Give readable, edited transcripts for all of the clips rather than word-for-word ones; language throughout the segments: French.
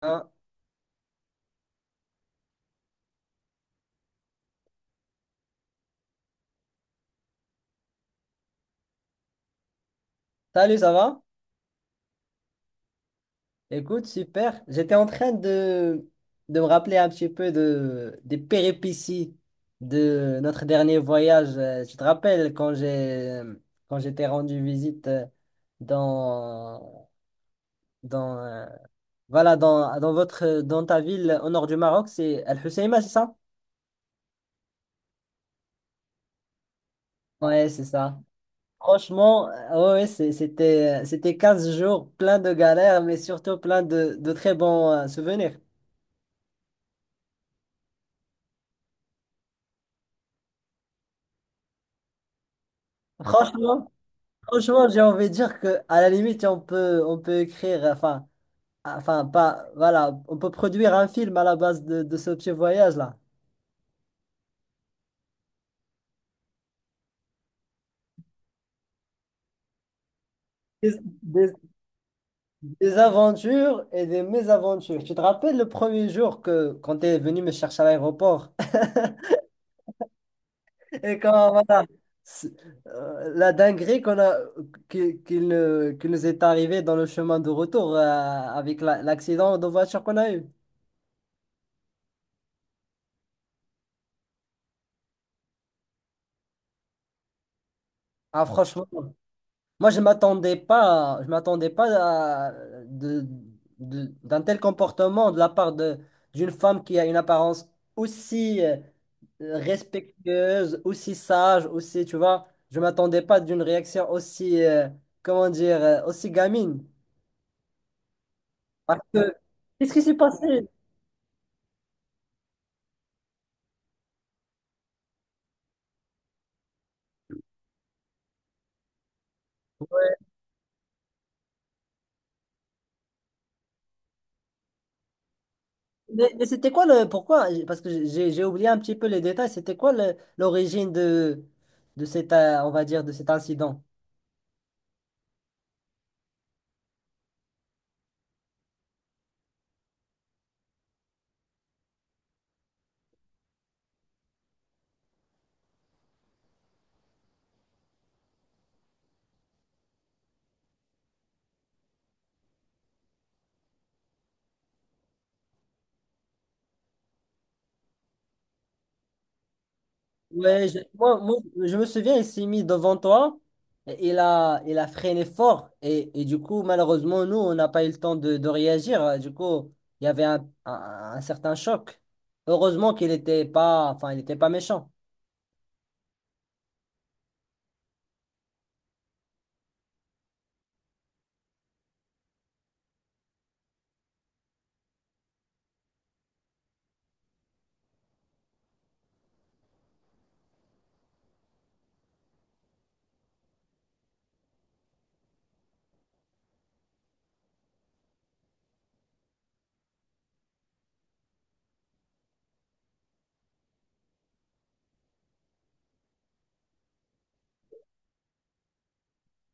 Ah, salut, ça va? Écoute, super. J'étais en train de me rappeler un petit peu de, des péripéties de notre dernier voyage. Tu te rappelles quand j'étais rendu visite dans, dans, voilà, dans, dans votre, dans ta ville au nord du Maroc, c'est Al Hoceima, c'est ça? Ouais, c'est ça. Franchement, ouais, ouais, c'était 15 jours plein de galères, mais surtout plein de très bons souvenirs. Franchement, Franchement, j'ai envie de dire que à la limite, on peut écrire, enfin, enfin, pas, voilà, on peut produire un film à la base de ce petit voyage-là. Des, des- des aventures et des mésaventures. Tu te rappelles le premier jour quand tu es venu me chercher à l'aéroport et quand, voilà, c'est- la dinguerie qui ne- qui nous est arrivée dans le chemin de retour avec l'accident de voiture qu'on a eu. Ah, franchement. Moi, je m'attendais pas à, de, d'un tel comportement de la part de, d'une femme qui a une apparence aussi respectueuse, aussi sage, aussi, tu vois, je m'attendais pas d'une réaction aussi, comment dire, aussi gamine. Parce que, qu'est-ce qui s'est passé? Mais c'était quoi le, pourquoi? Parce que j'ai oublié un petit peu les détails. C'était quoi l'origine de cet, on va dire, de cet incident? Ouais, moi, je me souviens, il s'est mis devant toi, et il a freiné fort, et du coup, malheureusement, nous, on n'a pas eu le temps de réagir. Du coup, il y avait un certain choc. Heureusement qu'il n'était pas, enfin, il n'était pas méchant.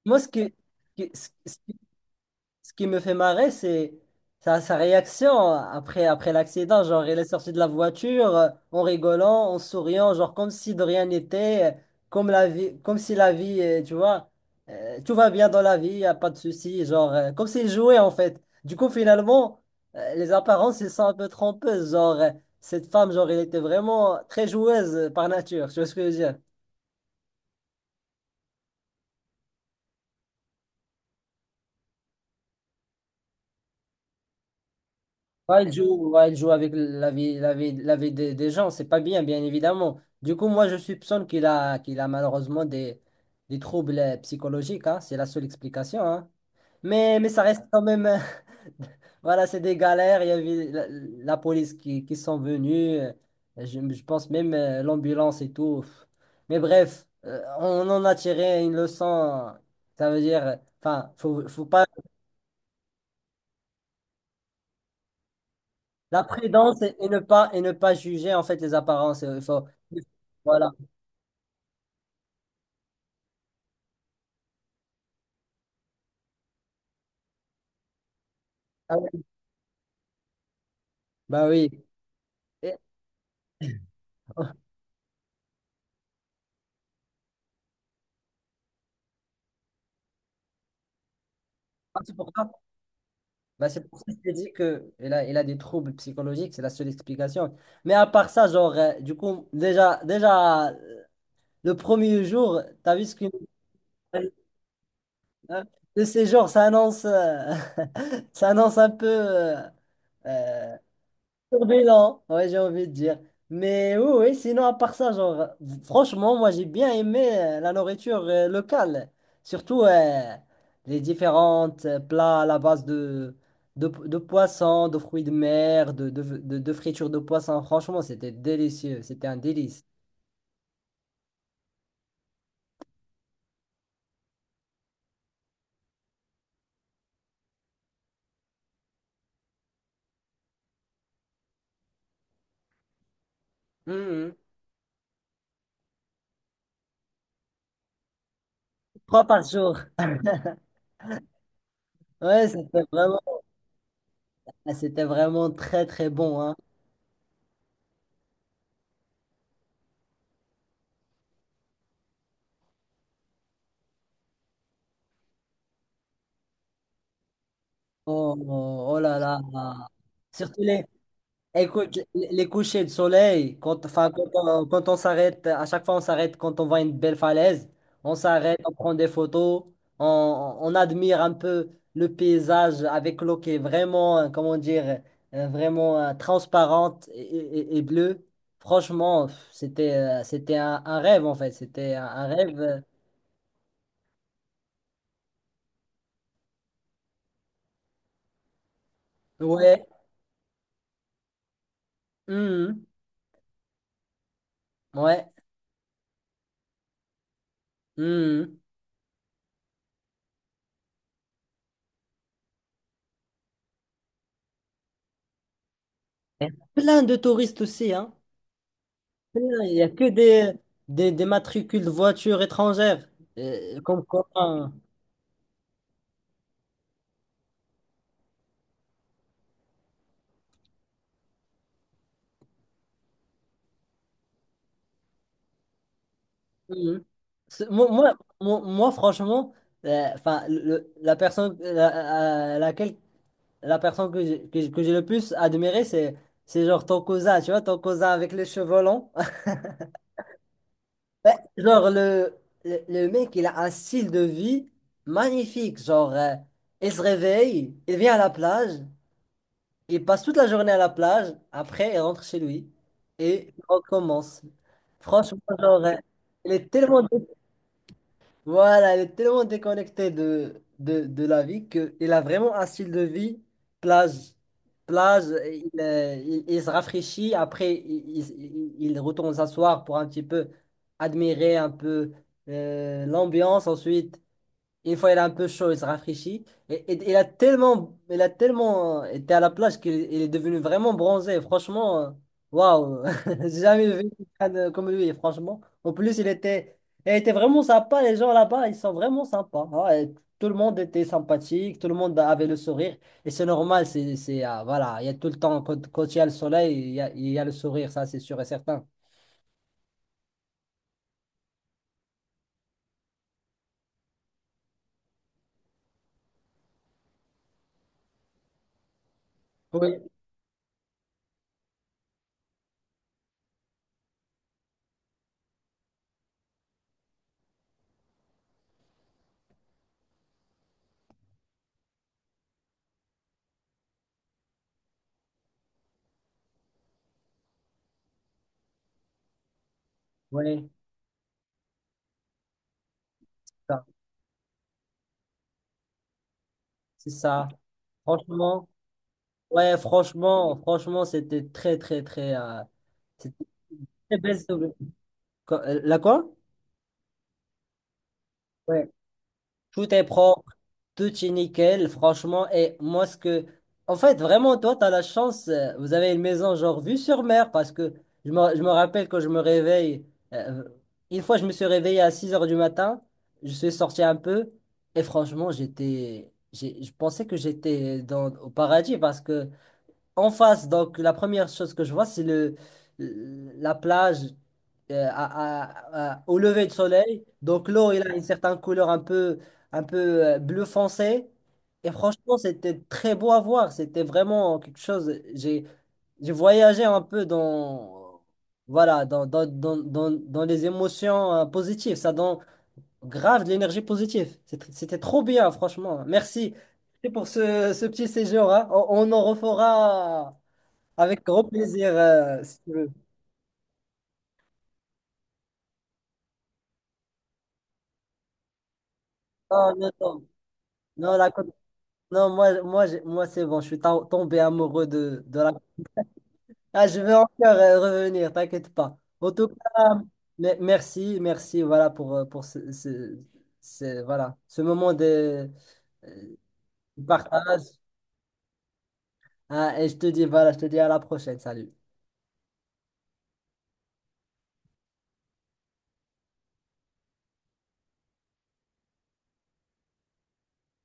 Moi, ce que- ce qui me fait marrer, c'est sa réaction après, après l'accident. Genre, il est sorti de la voiture en rigolant, en souriant, genre comme si de rien n'était, comme si la vie, tu vois, tout va bien dans la vie, y a pas de souci, genre comme s'il jouait en fait. Du coup, finalement, les apparences, elles sont un peu trompeuses. Genre, cette femme, genre, elle était vraiment très joueuse par nature. Tu vois ce que je veux dire? Ouais, il joue avec la vie, la vie des gens, c'est pas bien, bien évidemment. Du coup, moi, je soupçonne qu'il a malheureusement des troubles psychologiques, hein, c'est la seule explication, hein. Mais ça reste quand même, voilà, c'est des galères, il y avait la police qui sont venus, je pense même l'ambulance et tout. Mais bref, on en a tiré une leçon, ça veut dire, enfin, faut pas. La prudence et ne pas, et ne pas juger en fait les apparences. Il faut... Voilà. Ah oui. Bah oui. Et. Ah, c'est pour ça. Bah, c'est pour ça que je t'ai dit que il a des troubles psychologiques, c'est la seule explication. Mais à part ça, genre, du coup, déjà, le premier jour, t'as vu ce que le séjour, ça annonce, ça annonce un peu euh, turbulent, ouais, j'ai envie de dire. Mais oui, oui, sinon, à part ça, genre, franchement, moi, j'ai bien aimé la nourriture locale. Surtout les différentes plats à la base de poissons, de fruits de mer, de fritures de poissons. Franchement, c'était délicieux. C'était un délice. Mhm. Trois par jour. Ouais, c'était vraiment très, très bon, hein. Oh, oh, oh là là. Là. Surtout les. Écoute, les couchers de soleil, quand, enfin, quand on s'arrête, à chaque fois on s'arrête quand on voit une belle falaise, on s'arrête, on prend des photos, on admire un peu le paysage avec l'eau qui est vraiment, comment dire, vraiment transparente et bleue. Franchement, pff, c'était, c'était un rêve en fait, c'était un rêve. Ouais. Mhm. Ouais. Mhm. Plein de touristes aussi, hein. Il n'y a que des matricules de voitures étrangères. Comme quoi. Hein. Mhm. C'est. Moi, franchement, enfin, le la personne à laquelle la personne que j'ai que j'ai le plus admiré, c'est genre ton cousin, tu vois, ton cousin avec les cheveux longs. Ouais, genre le mec, il a un style de vie magnifique. Genre, il se réveille, il vient à la plage, il passe toute la journée à la plage, après il rentre chez lui et il recommence. Franchement, genre, il est tellement, voilà, il est tellement déconnecté de la vie qu'il a vraiment un style de vie plage. Plage, il se rafraîchit, il retourne s'asseoir pour un petit peu admirer un peu l'ambiance ensuite. Une fois, il est un peu chaud, il se rafraîchit. Et, il a tellement été à la plage qu'il il est devenu vraiment bronzé. Franchement, waouh, j'ai jamais vu comme lui, franchement. En plus, il était vraiment sympa. Les gens là-bas, ils sont vraiment sympas, hein. Et tout le monde était sympathique, tout le monde avait le sourire. Et c'est normal, voilà, il y a tout le temps, quand il y a le soleil, il y a le sourire, ça, c'est sûr et certain. Oui, oui, ça, c'est ça. Franchement. Ouais, franchement, franchement, c'était très, très, très. C'était une très belle quoi- la quoi? Ouais. Tout est propre, tout est nickel, franchement. Et moi, ce que. En fait, vraiment, toi, tu as la chance. Vous avez une maison, genre, vue sur mer, parce que je me rappelle quand je me réveille. euh, une fois, je me suis réveillé à 6 heures du matin. Je suis sorti un peu. Et franchement, j'étais. J'ai- Je pensais que j'étais dans, au paradis parce que. En face, donc la première chose que je vois, c'est le la plage au lever du soleil. Donc l'eau, elle a une certaine couleur un peu bleu foncé. Et franchement, c'était très beau à voir. C'était vraiment quelque chose. J'ai voyagé un peu dans voilà dans les émotions positives. Ça donne grave de l'énergie positive. C'était c'était trop bien, franchement. Merci. Merci pour ce petit séjour, hein. On en refera avec grand plaisir, si tu veux. Non, non, non. Non, la Côte- non, moi c'est bon, je suis tombé amoureux de la. Ah, je vais encore revenir, t'inquiète pas. En tout cas, merci, merci, voilà, pour ce, voilà, ce moment de euh, partage. Ah, et je te dis, voilà, je te dis à la prochaine, salut.